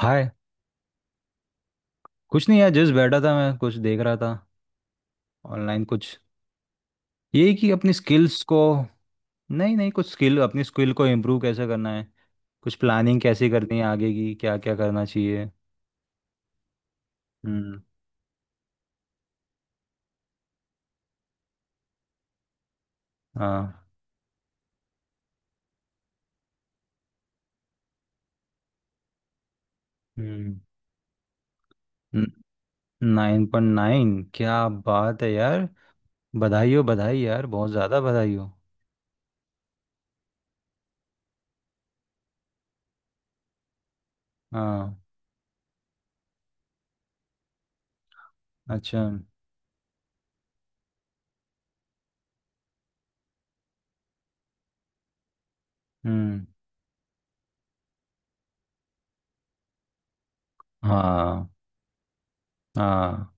हाय। कुछ नहीं यार, जस्ट बैठा था, मैं कुछ देख रहा था ऑनलाइन। कुछ यही कि अपनी स्किल्स को— नहीं नहीं, कुछ स्किल, अपनी स्किल को इम्प्रूव कैसे करना है, कुछ प्लानिंग कैसे करनी है आगे की, क्या क्या करना चाहिए। हम्म। हाँ। हम्म। 9.9? क्या बात है यार। बधाई हो, बधाई यार, बहुत ज़्यादा बधाई हो। हाँ। अच्छा। हम्म। हाँ। हाँ।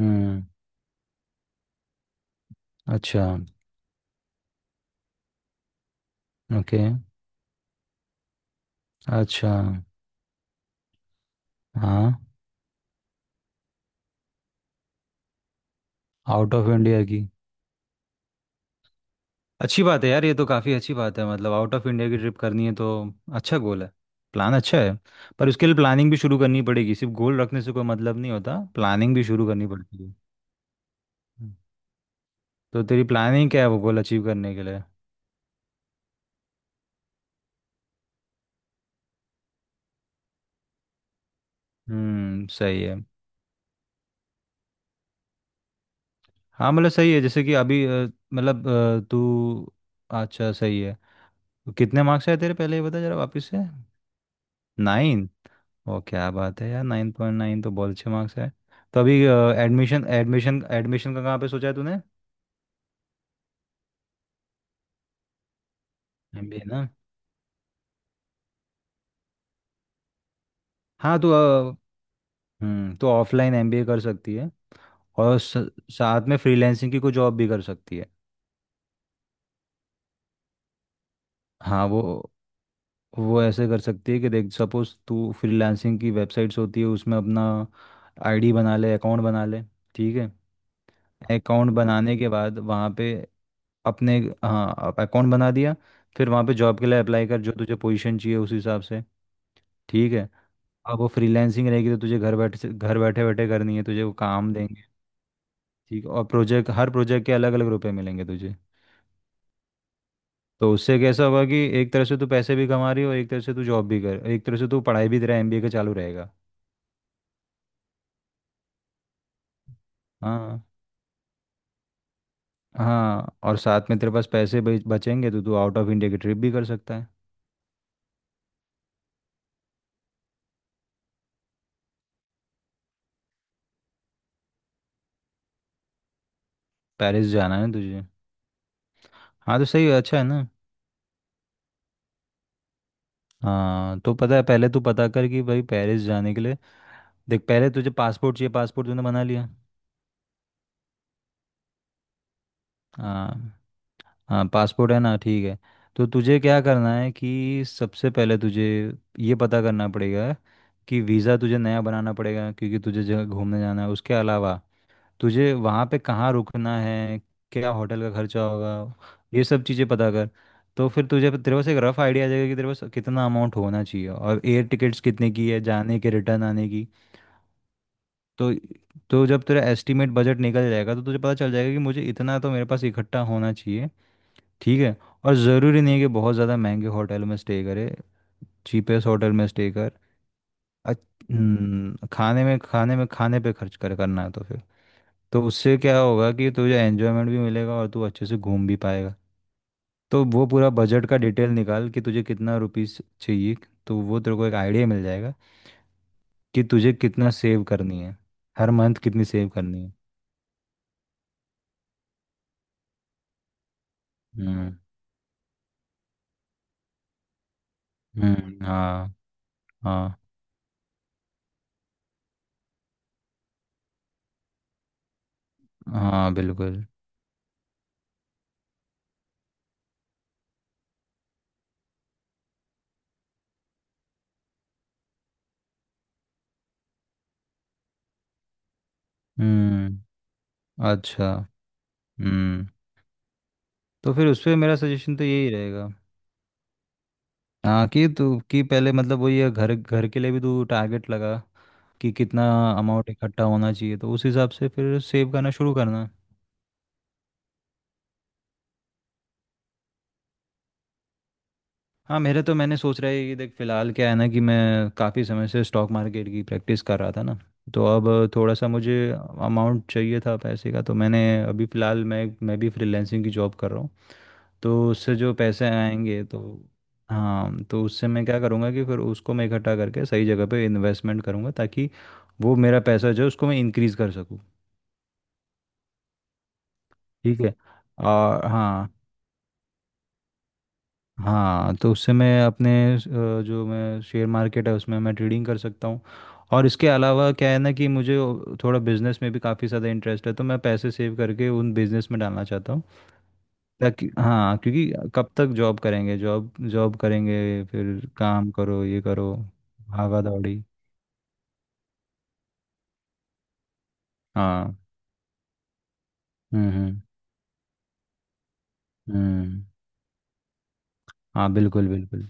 हम्म। अच्छा। ओके। अच्छा। हाँ। आउट ऑफ इंडिया की? अच्छी बात है यार, ये तो काफ़ी अच्छी बात है। मतलब आउट ऑफ इंडिया की ट्रिप करनी है तो अच्छा गोल है, प्लान अच्छा है। पर उसके लिए प्लानिंग भी शुरू करनी पड़ेगी, सिर्फ गोल रखने से कोई मतलब नहीं होता, प्लानिंग भी शुरू करनी पड़ती है। हम्म। तो तेरी प्लानिंग क्या है वो गोल अचीव करने के लिए? हम्म, सही है। हाँ मतलब सही है, जैसे कि अभी मतलब तू— अच्छा सही है। तो कितने मार्क्स आए तेरे, पहले ये बता जरा वापस से। 9? ओ क्या बात है यार, 9.9 तो बहुत अच्छे मार्क्स है। तो अभी एडमिशन, एडमिशन एडमिशन का कहाँ पे सोचा है तूने? एमबीए ना? हाँ तो हम्म, तो ऑफलाइन एमबीए कर सकती है, और साथ में फ्रीलांसिंग की कोई जॉब भी कर सकती है। हाँ वो ऐसे कर सकती है कि देख, सपोज तू फ्रीलांसिंग की वेबसाइट्स होती है, उसमें अपना आईडी बना ले, अकाउंट बना ले। ठीक है? अकाउंट बनाने के बाद वहाँ पे अपने— हाँ, अकाउंट बना दिया, फिर वहाँ पे जॉब के लिए अप्लाई कर जो तुझे पोजीशन चाहिए उस हिसाब से। ठीक है? अब वो फ्रीलांसिंग रहेगी तो तुझे घर बैठे से, घर बैठे बैठे करनी है, तुझे वो काम देंगे। ठीक है? और प्रोजेक्ट, हर प्रोजेक्ट के अलग अलग रुपए मिलेंगे तुझे। तो उससे कैसा होगा कि एक तरह से तू पैसे भी कमा रही हो, एक तरह से तू जॉब भी कर, एक तरह से तू पढ़ाई भी, तेरा एमबीए का चालू रहेगा। हाँ। हाँ, और साथ में तेरे पास पैसे बचेंगे तो तू आउट ऑफ इंडिया की ट्रिप भी कर सकता है। पेरिस जाना है तुझे? हाँ तो सही है, अच्छा है ना। हाँ तो पता है, पहले तू पता कर कि भाई पेरिस जाने के लिए— देख, पहले तुझे पासपोर्ट चाहिए, पासपोर्ट तूने बना लिया? हाँ। हाँ, पासपोर्ट है ना, ठीक है। तो तुझे क्या करना है कि सबसे पहले तुझे ये पता करना पड़ेगा कि वीज़ा तुझे नया बनाना पड़ेगा क्योंकि तुझे जगह घूमने जाना है। उसके अलावा तुझे वहाँ पे कहाँ रुकना है, क्या होटल का खर्चा होगा, ये सब चीज़ें पता कर। तो फिर तुझे, तेरे पास एक रफ आइडिया आ जाएगा कि तेरे पास कितना अमाउंट होना चाहिए, और एयर टिकट्स कितने की है जाने के, रिटर्न आने की। तो तो जब तेरा एस्टिमेट बजट निकल जाएगा तो तुझे पता चल जाएगा कि मुझे इतना तो मेरे पास इकट्ठा होना चाहिए। ठीक है? और ज़रूरी नहीं है कि बहुत ज़्यादा महंगे होटल में स्टे करे, चीपेस्ट होटल में स्टे कर। अच- खाने में, खाने में, खाने पे खर्च कर करना है तो फिर— तो उससे क्या होगा कि तुझे एन्जॉयमेंट भी मिलेगा और तू अच्छे से घूम भी पाएगा। तो वो पूरा बजट का डिटेल निकाल कि तुझे कितना रुपीस चाहिए, तो वो तेरे को एक आइडिया मिल जाएगा कि तुझे कितना सेव करनी है, हर मंथ कितनी सेव करनी है। हम्म। हम्म। हाँ। हाँ। हाँ। बिल्कुल। हम्म। अच्छा। हम्म। तो फिर उस पे मेरा सजेशन तो यही रहेगा, हाँ, कि तू— कि पहले मतलब वही है, घर घर के लिए भी तू टारगेट लगा कि कितना अमाउंट इकट्ठा होना चाहिए तो उस हिसाब से फिर सेव करना शुरू करना। हाँ, मेरे तो मैंने सोच रहा है कि देख फिलहाल क्या है ना, कि मैं काफ़ी समय से स्टॉक मार्केट की प्रैक्टिस कर रहा था ना, तो अब थोड़ा सा मुझे अमाउंट चाहिए था पैसे का, तो मैंने अभी फ़िलहाल मैं भी फ्रीलैंसिंग की जॉब कर रहा हूँ, तो उससे जो पैसे आएंगे तो— हाँ, तो उससे मैं क्या करूँगा कि फिर उसको मैं इकट्ठा करके सही जगह पे इन्वेस्टमेंट करूँगा, ताकि वो मेरा पैसा जो है उसको मैं इंक्रीज़ कर सकूँ। ठीक है। और हाँ। हाँ, तो उससे मैं अपने जो मैं शेयर मार्केट है उसमें मैं ट्रेडिंग कर सकता हूँ। और इसके अलावा क्या है ना कि मुझे थोड़ा बिजनेस में भी काफ़ी ज़्यादा इंटरेस्ट है, तो मैं पैसे सेव करके उन बिजनेस में डालना चाहता हूँ ताकि— हाँ, क्योंकि कब तक जॉब करेंगे, जॉब जॉब करेंगे, फिर काम करो ये करो, भागा दौड़ी। हाँ। हम्म। हम्म। हम्म। हाँ, बिल्कुल बिल्कुल।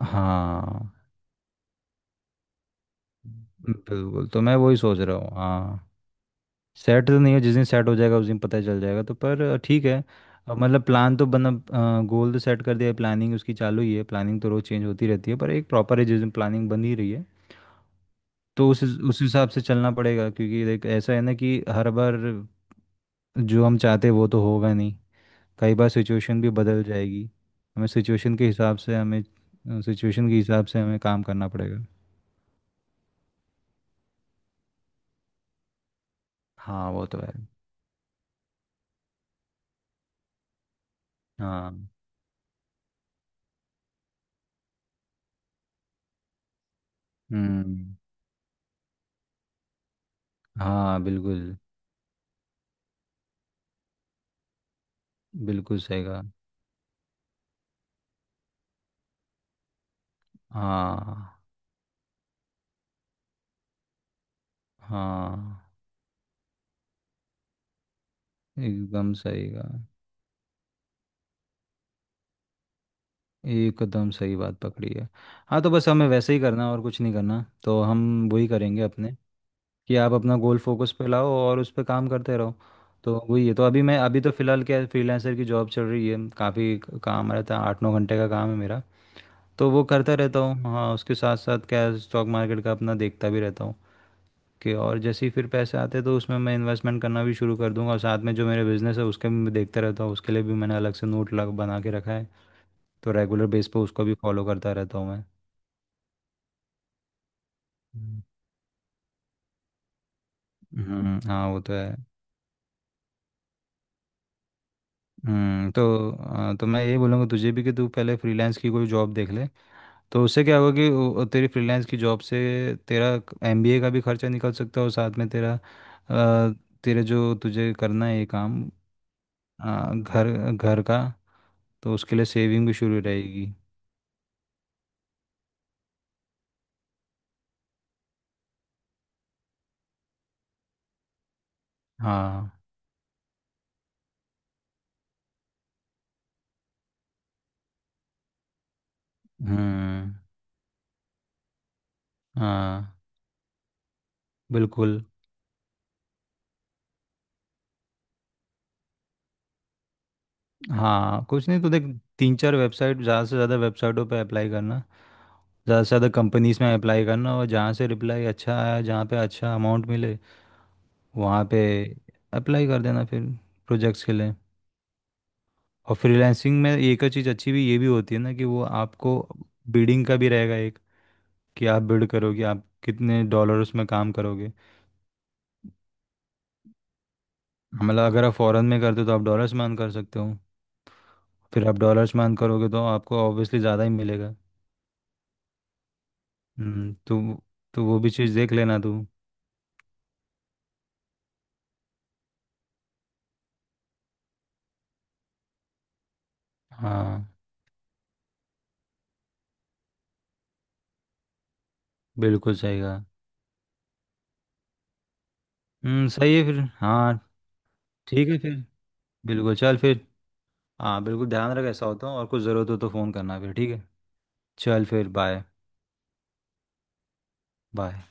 हाँ बिल्कुल, तो मैं वही सोच रहा हूँ, हाँ। सेट तो नहीं हो, जिस दिन सेट हो जाएगा उस दिन पता चल जाएगा तो, पर ठीक है। मतलब प्लान तो बना, गोल तो सेट कर दिया है, प्लानिंग उसकी चालू ही है, प्लानिंग तो रोज़ चेंज होती रहती है, पर एक प्रॉपर है, जिस दिन प्लानिंग बन ही रही है। तो उस हिसाब से चलना पड़ेगा, क्योंकि देख ऐसा है ना कि हर बार जो हम चाहते हैं वो तो होगा नहीं, कई बार सिचुएशन भी बदल जाएगी, हमें सिचुएशन के हिसाब से हमें सिचुएशन के हिसाब से हमें काम करना पड़ेगा। हाँ वो तो है। हाँ। हम्म। हाँ बिल्कुल, बिल्कुल सही कहा। हाँ। हाँ, एकदम सही कहा, एकदम सही बात पकड़ी है। हाँ, तो बस हमें वैसे ही करना है, और कुछ नहीं करना, तो हम वही करेंगे अपने, कि आप अपना गोल फोकस पे लाओ और उस पे काम करते रहो। तो वही है। तो अभी मैं, अभी तो फ़िलहाल क्या, फ्रीलांसर की जॉब चल रही है, काफ़ी काम रहता है, 8-9 घंटे का काम है मेरा, तो वो करता रहता हूँ। हाँ उसके साथ साथ क्या, स्टॉक मार्केट का अपना देखता भी रहता हूँ, कि और जैसे ही फिर पैसे आते हैं तो उसमें मैं इन्वेस्टमेंट करना भी शुरू कर दूंगा, और साथ में जो मेरे बिजनेस है उसके भी मैं देखता रहता हूँ, उसके लिए भी मैंने अलग से नोट लग बना के रखा है, तो रेगुलर बेस पे उसको भी फॉलो करता रहता हूँ मैं। हम्म। हाँ वो तो है। हम्म, तो तो मैं ये बोलूँगा तुझे भी कि तू पहले फ्रीलांस की कोई जॉब देख ले। तो उससे क्या होगा कि तेरी फ्रीलांस की जॉब से तेरा एमबीए का भी खर्चा निकल सकता है, और साथ में तेरा अ, तेरे जो तुझे करना है ये काम, घर, घर का, तो उसके लिए सेविंग भी शुरू रहेगी। हाँ। हम्म। हाँ बिल्कुल। हाँ कुछ नहीं तो देख, 3-4 वेबसाइट, ज़्यादा से ज़्यादा वेबसाइटों पे अप्लाई करना, ज़्यादा से ज़्यादा कंपनीज में अप्लाई करना, और जहाँ से रिप्लाई अच्छा आया, जहाँ पे अच्छा अमाउंट मिले, वहाँ पे अप्लाई कर देना फिर प्रोजेक्ट्स के लिए। और फ्रीलांसिंग में एक और चीज़ अच्छी भी ये भी होती है ना कि वो आपको बिडिंग का भी रहेगा एक, कि आप बिड करोगे आप कितने डॉलर्स में काम करोगे। मतलब अगर आप फॉरेन में करते हो तो आप डॉलर्स में earn कर सकते हो, फिर आप डॉलर्स में earn करोगे तो आपको ऑब्वियसली ज़्यादा ही मिलेगा। हम्म, तो तो वो भी चीज़ देख लेना तू। हाँ बिल्कुल सही कहा। सही है फिर, हाँ। ठीक है फिर। बिल्कुल चल फिर। हाँ बिल्कुल, ध्यान रख, ऐसा होता हूँ और कुछ ज़रूरत हो तो फ़ोन करना फिर, ठीक है। चल फिर बाय। बाय।